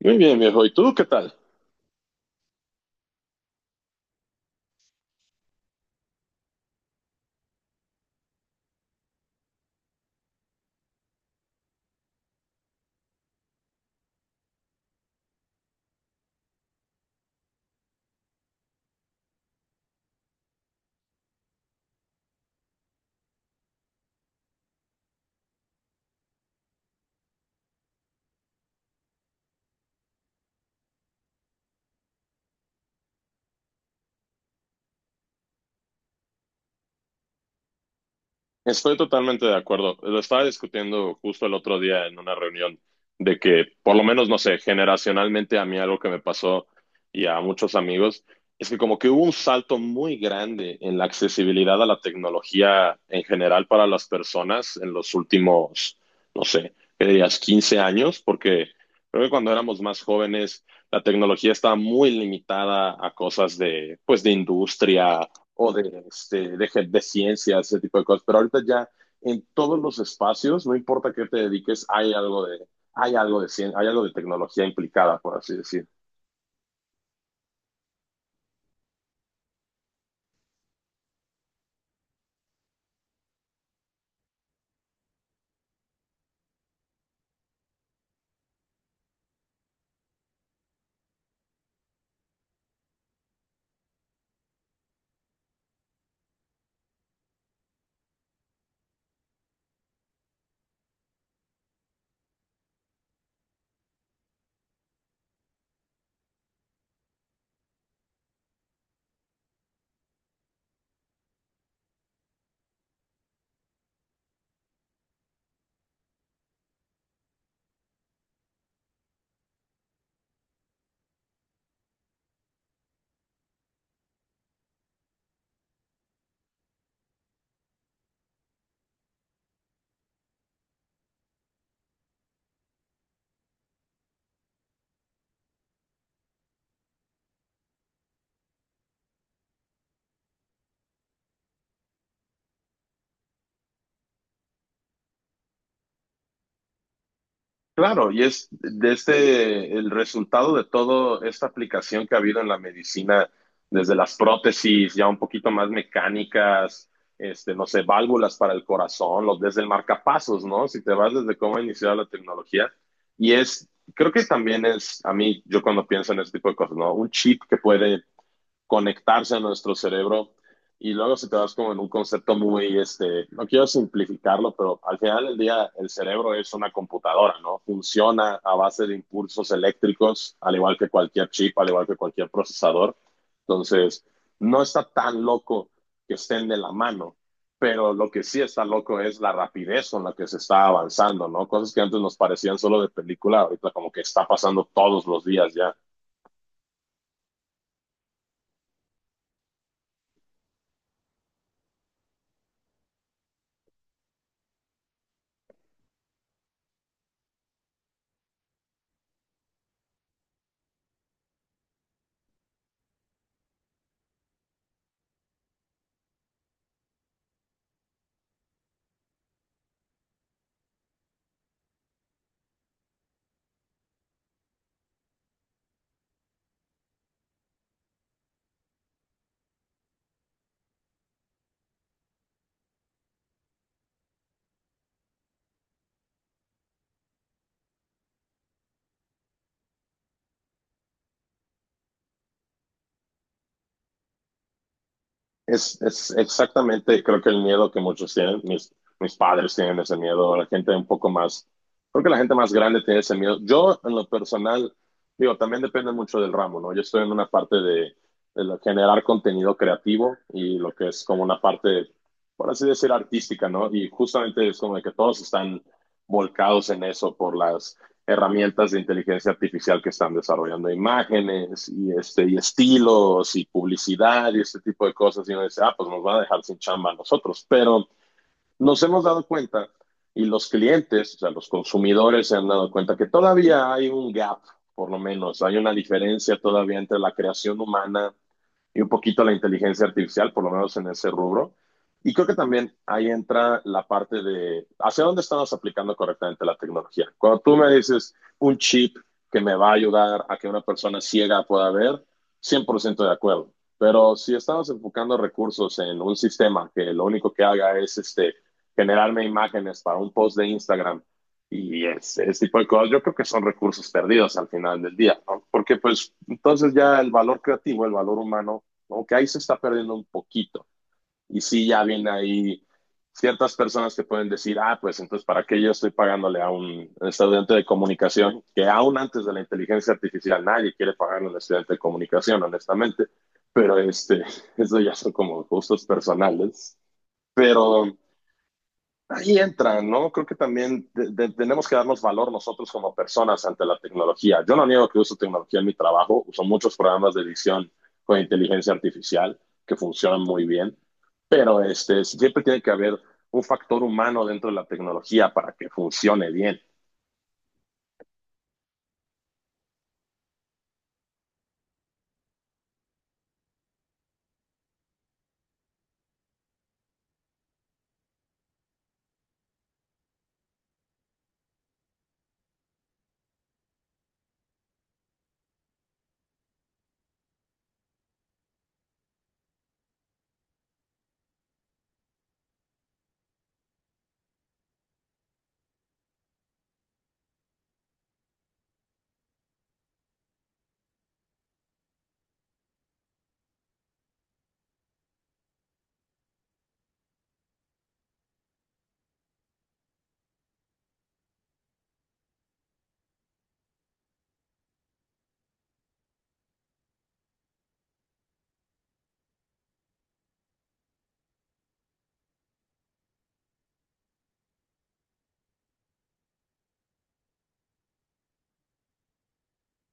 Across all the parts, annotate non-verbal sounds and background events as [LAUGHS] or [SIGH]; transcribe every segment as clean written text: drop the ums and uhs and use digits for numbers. Muy bien, viejo. ¿Y tú qué tal? Estoy totalmente de acuerdo. Lo estaba discutiendo justo el otro día en una reunión de que, por lo menos, no sé, generacionalmente a mí algo que me pasó y a muchos amigos es que como que hubo un salto muy grande en la accesibilidad a la tecnología en general para las personas en los últimos, no sé, ¿qué dirías? 15 años, porque creo que cuando éramos más jóvenes la tecnología estaba muy limitada a cosas de, pues, de industria o de, este, de ciencia, ese tipo de cosas. Pero ahorita ya en todos los espacios, no importa qué te dediques, hay algo de, hay algo de ciencia, hay algo de tecnología implicada, por así decir. Claro, y es desde el resultado de toda esta aplicación que ha habido en la medicina, desde las prótesis ya un poquito más mecánicas, este, no sé, válvulas para el corazón, los, desde el marcapasos, ¿no? Si te vas desde cómo ha iniciado la tecnología. Y es, creo que también es, a mí, yo cuando pienso en este tipo de cosas, ¿no? Un chip que puede conectarse a nuestro cerebro. Y luego si te vas como en un concepto muy, este, no quiero simplificarlo, pero al final del día el cerebro es una computadora, ¿no? Funciona a base de impulsos eléctricos, al igual que cualquier chip, al igual que cualquier procesador. Entonces, no está tan loco que estén de la mano, pero lo que sí está loco es la rapidez con la que se está avanzando, ¿no? Cosas que antes nos parecían solo de película, ahorita como que está pasando todos los días ya. Es exactamente, creo que el miedo que muchos tienen, mis padres tienen ese miedo, la gente un poco más, creo que la gente más grande tiene ese miedo. Yo, en lo personal, digo, también depende mucho del ramo, ¿no? Yo estoy en una parte de lo- generar contenido creativo y lo que es como una parte, por así decir, artística, ¿no? Y justamente es como de que todos están volcados en eso por las herramientas de inteligencia artificial que están desarrollando imágenes y, este, y estilos y publicidad y este tipo de cosas. Y uno dice, ah, pues nos van a dejar sin chamba a nosotros. Pero nos hemos dado cuenta y los clientes, o sea, los consumidores se han dado cuenta que todavía hay un gap, por lo menos, hay una diferencia todavía entre la creación humana y un poquito la inteligencia artificial, por lo menos en ese rubro. Y creo que también ahí entra la parte de hacia dónde estamos aplicando correctamente la tecnología. Cuando tú me dices un chip que me va a ayudar a que una persona ciega pueda ver, 100% de acuerdo. Pero si estamos enfocando recursos en un sistema que lo único que haga es este, generarme imágenes para un post de Instagram y ese tipo de cosas, yo creo que son recursos perdidos al final del día, ¿no? Porque pues entonces ya el valor creativo, el valor humano como que ahí se está perdiendo un poquito. Y sí, ya viene ahí ciertas personas que pueden decir, ah, pues entonces, ¿para qué yo estoy pagándole a un estudiante de comunicación? Que aún antes de la inteligencia artificial nadie quiere pagarle a un estudiante de comunicación, honestamente. Pero este, [LAUGHS] eso ya son como gustos personales. Pero ahí entra, ¿no? Creo que también tenemos que darnos valor nosotros como personas ante la tecnología. Yo no niego que uso tecnología en mi trabajo, uso muchos programas de edición con inteligencia artificial que funcionan muy bien, pero este, siempre tiene que haber un factor humano dentro de la tecnología para que funcione bien.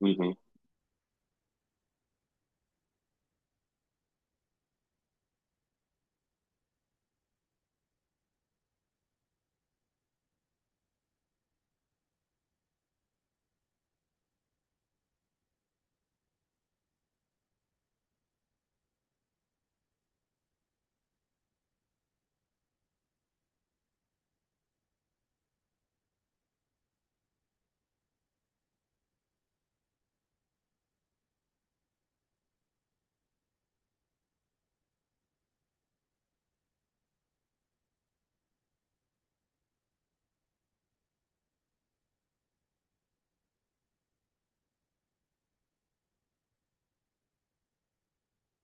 Uh -huh.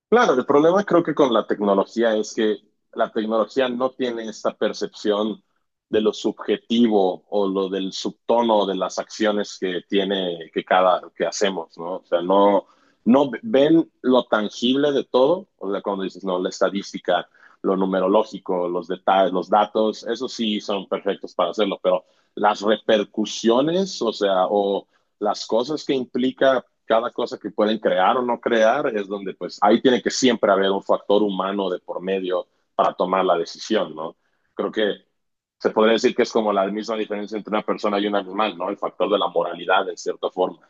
Claro, el problema creo que con la tecnología es que la tecnología no tiene esta percepción de lo subjetivo o lo del subtono de las acciones que tiene, que cada, que hacemos, ¿no? O sea, no, no ven lo tangible de todo, o sea, cuando dices, no, la estadística, lo numerológico, los detalles, los datos, eso sí son perfectos para hacerlo, pero las repercusiones, o sea, o las cosas que implica cada cosa que pueden crear o no crear, es donde pues ahí tiene que siempre haber un factor humano de por medio para tomar la decisión, ¿no? Creo que se podría decir que es como la misma diferencia entre una persona y un animal, ¿no? El factor de la moralidad, en cierta forma.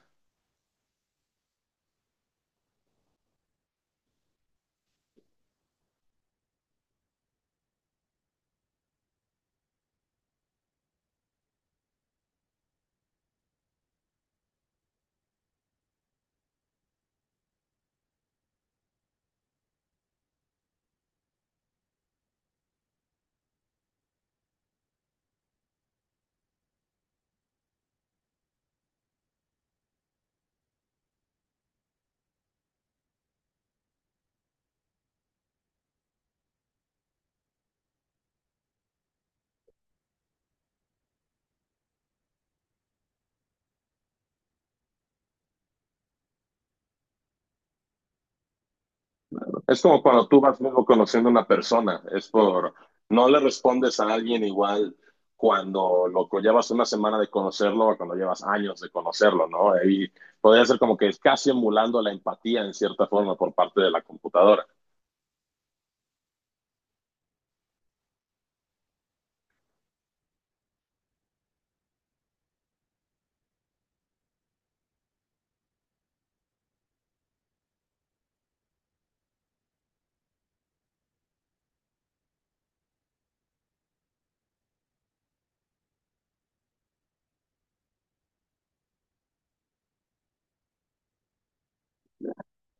Es como cuando tú vas luego conociendo a una persona, es por, no le respondes a alguien igual cuando lo co- llevas una semana de conocerlo o cuando llevas años de conocerlo, ¿no? Ahí podría ser como que es casi emulando la empatía en cierta forma por parte de la computadora.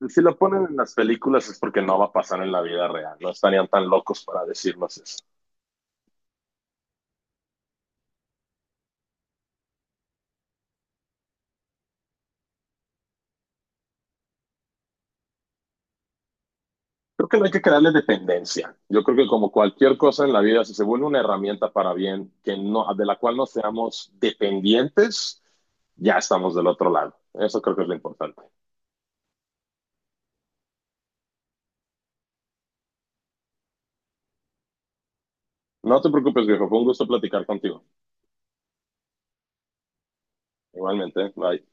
Si lo ponen en las películas es porque no va a pasar en la vida real, no estarían tan locos para decirnos eso. Creo que no hay que crearle dependencia. Yo creo que como cualquier cosa en la vida, si se vuelve una herramienta para bien, que no, de la cual no seamos dependientes, ya estamos del otro lado. Eso creo que es lo importante. No te preocupes, viejo. Fue un gusto platicar contigo. Igualmente, bye.